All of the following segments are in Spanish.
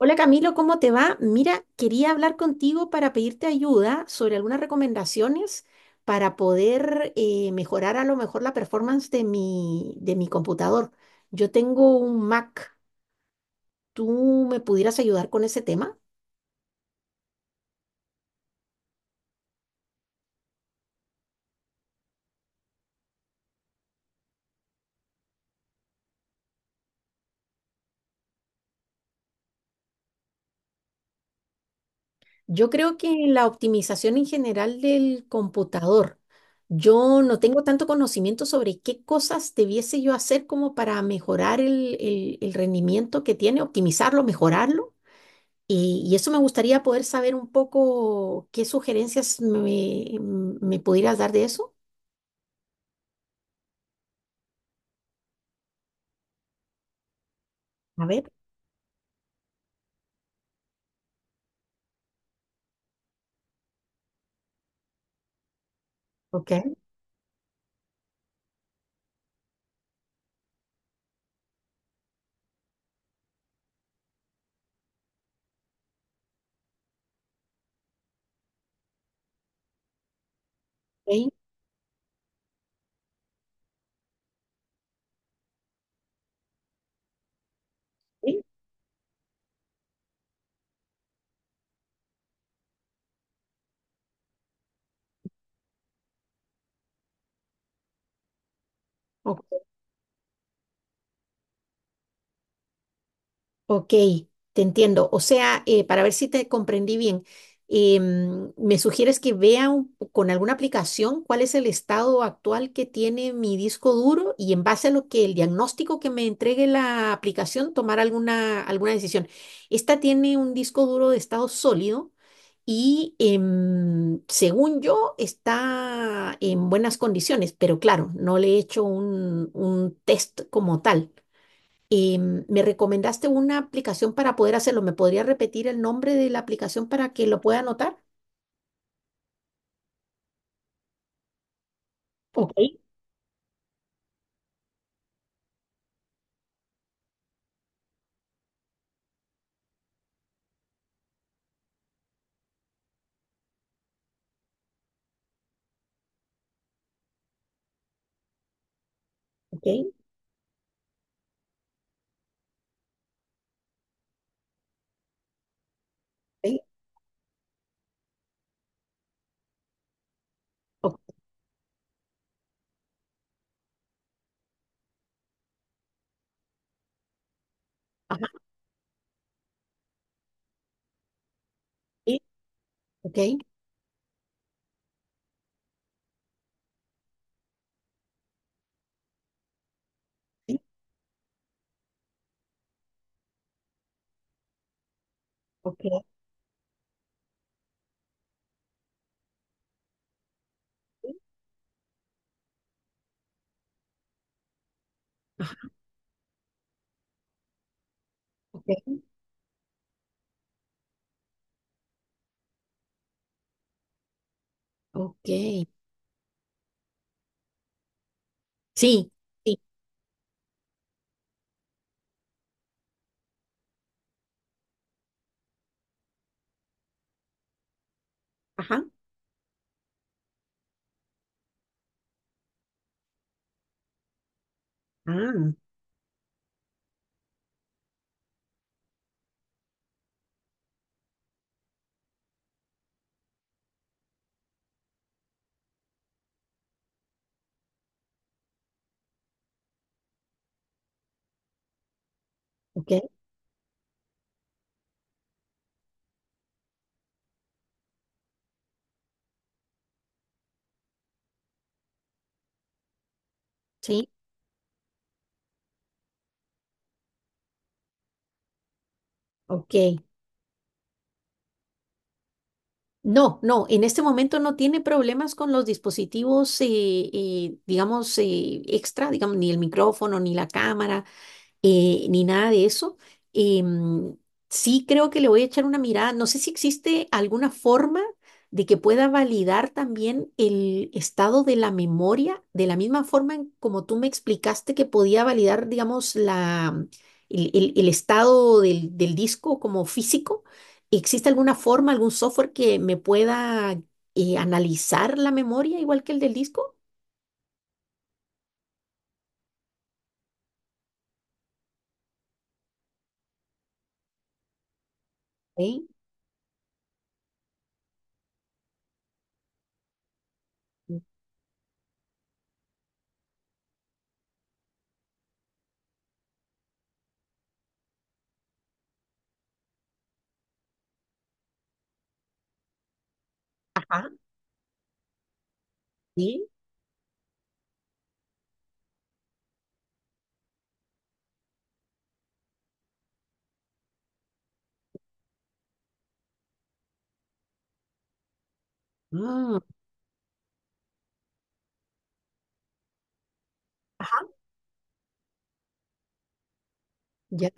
Hola Camilo, ¿cómo te va? Mira, quería hablar contigo para pedirte ayuda sobre algunas recomendaciones para poder mejorar a lo mejor la performance de de mi computador. Yo tengo un Mac, ¿tú me pudieras ayudar con ese tema? Yo creo que la optimización en general del computador, yo no tengo tanto conocimiento sobre qué cosas debiese yo hacer como para mejorar el rendimiento que tiene, optimizarlo, mejorarlo. Y eso me gustaría poder saber un poco qué sugerencias me pudieras dar de eso. A ver, ok, ok, ok, ok. Ok, te entiendo. O sea, para ver si te comprendí bien, me sugieres que vea un- con alguna aplicación cuál es el estado actual que tiene mi disco duro y en base a lo que el diagnóstico que me entregue la aplicación, tomar alguna, alguna decisión. Esta tiene un disco duro de estado sólido y según yo está en buenas condiciones, pero claro, no le he hecho un test como tal. Eh, Me recomendaste una aplicación para poder hacerlo. ¿Me podría repetir el nombre de la aplicación para que lo pueda anotar? Ok, ok, ok, ok, ajá, sí, ok, sí, ok, sí, ajá, ok, ok, sí, sí, ajá, ah, ok, sí, ok. No, no, en este momento no tiene problemas con los dispositivos, digamos, extra, digamos, ni el micrófono, ni la cámara. Ni nada de eso. Em, sí creo que le voy a echar una mirada. No sé si existe alguna forma de que pueda validar también el estado de la memoria, de la misma forma en como tú me explicaste que podía validar, digamos, el estado del disco como físico. ¿Existe alguna forma, algún software que me pueda analizar la memoria igual que el del disco? Sí. Ajá, sí. Mm, ajá, ya.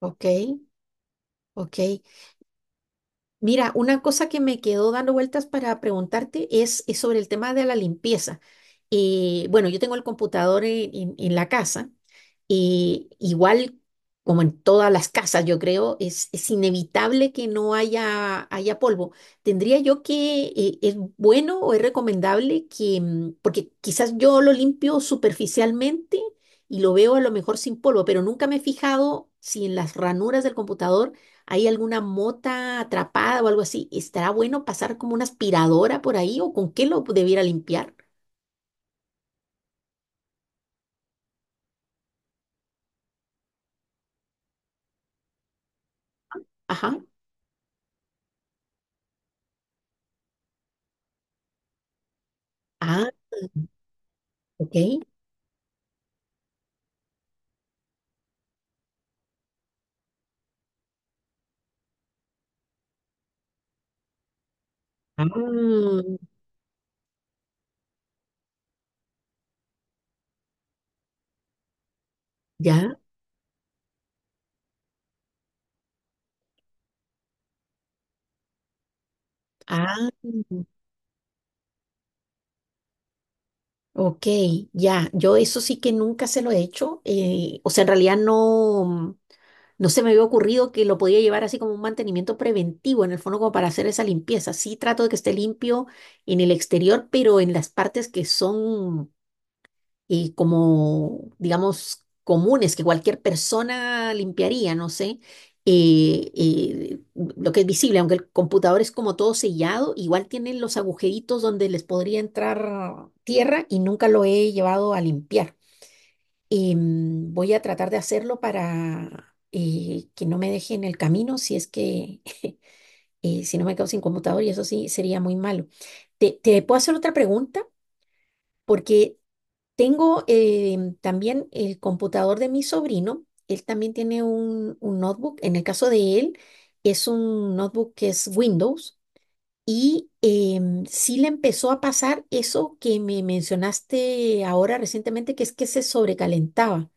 Ok, ok. Mira, una cosa que me quedó dando vueltas para preguntarte es sobre el tema de la limpieza. Bueno, yo tengo el computador en la casa. Igual, como en todas las casas, yo creo, es inevitable que no haya, haya polvo. ¿Tendría yo que, es bueno o es recomendable que, mm, porque quizás yo lo limpio superficialmente y lo veo a lo mejor sin polvo, pero nunca me he fijado si en las ranuras del computador ¿hay alguna mota atrapada o algo así? ¿Estará bueno pasar como una aspiradora por ahí o con qué lo debiera limpiar? Ajá. Ah, ok. Ah, ya. Ah, ok, ya. Yo eso sí que nunca se lo he hecho. O sea, en realidad no se me había ocurrido que lo podía llevar así como un mantenimiento preventivo, en el fondo como para hacer esa limpieza. Sí trato de que esté limpio en el exterior, pero en las partes que son y como, digamos, comunes que cualquier persona limpiaría, no sé. eh, eh, lo que es visible, aunque el computador es como todo sellado, igual tienen los agujeritos donde les podría entrar tierra y nunca lo he llevado a limpiar. Voy a tratar de hacerlo para que no me deje en el camino si es que, si no me quedo sin computador y eso sí sería muy malo. Te puedo hacer otra pregunta? Porque tengo también el computador de mi sobrino. Él también tiene un notebook. En el caso de él, es un notebook que es Windows. Y sí le empezó a pasar eso que me mencionaste ahora recientemente, que es que se sobrecalentaba.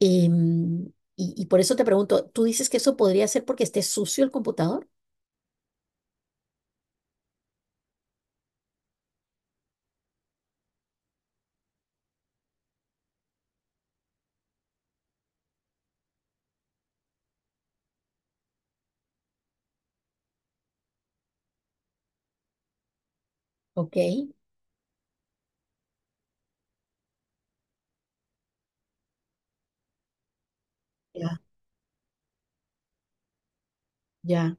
Y por eso te pregunto, ¿tú dices que eso podría ser porque esté sucio el computador? Ok, ya, ya,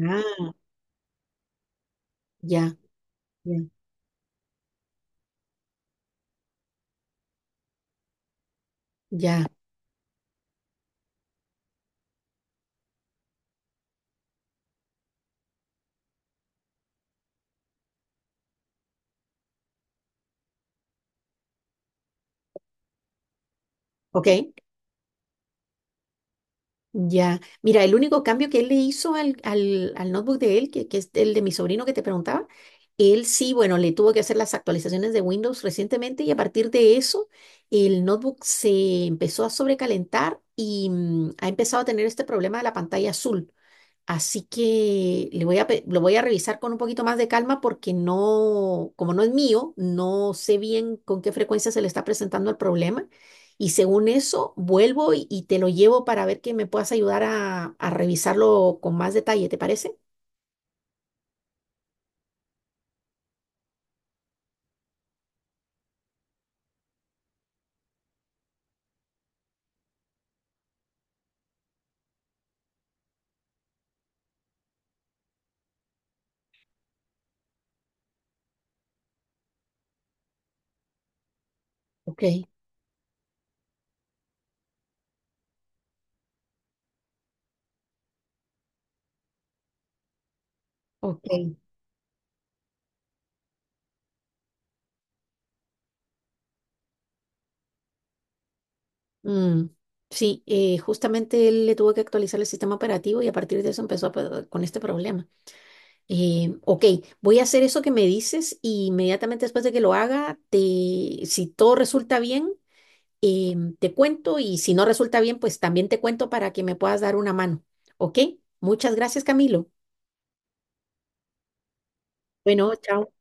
ah, ya, ya, ya, ok. Ya, mira, el único cambio que él le hizo al notebook de él, que es el de mi sobrino que te preguntaba, él sí, bueno, le tuvo que hacer las actualizaciones de Windows recientemente y a partir de eso el notebook se empezó a sobrecalentar y mm, ha empezado a tener este problema de la pantalla azul. Así que le voy a, pe- lo voy a revisar con un poquito más de calma porque no, como no es mío, no sé bien con qué frecuencia se le está presentando el problema. Y según eso, vuelvo y te lo llevo para ver que me puedas ayudar a revisarlo con más detalle, ¿te parece? Ok, ok. Mm, sí, justamente él le tuvo que actualizar el sistema operativo y a partir de eso empezó a pe- con este problema. Ok, voy a hacer eso que me dices y inmediatamente después de que lo haga, te, si todo resulta bien, te cuento y si no resulta bien, pues también te cuento para que me puedas dar una mano. Ok, muchas gracias, Camilo. Bueno, chao.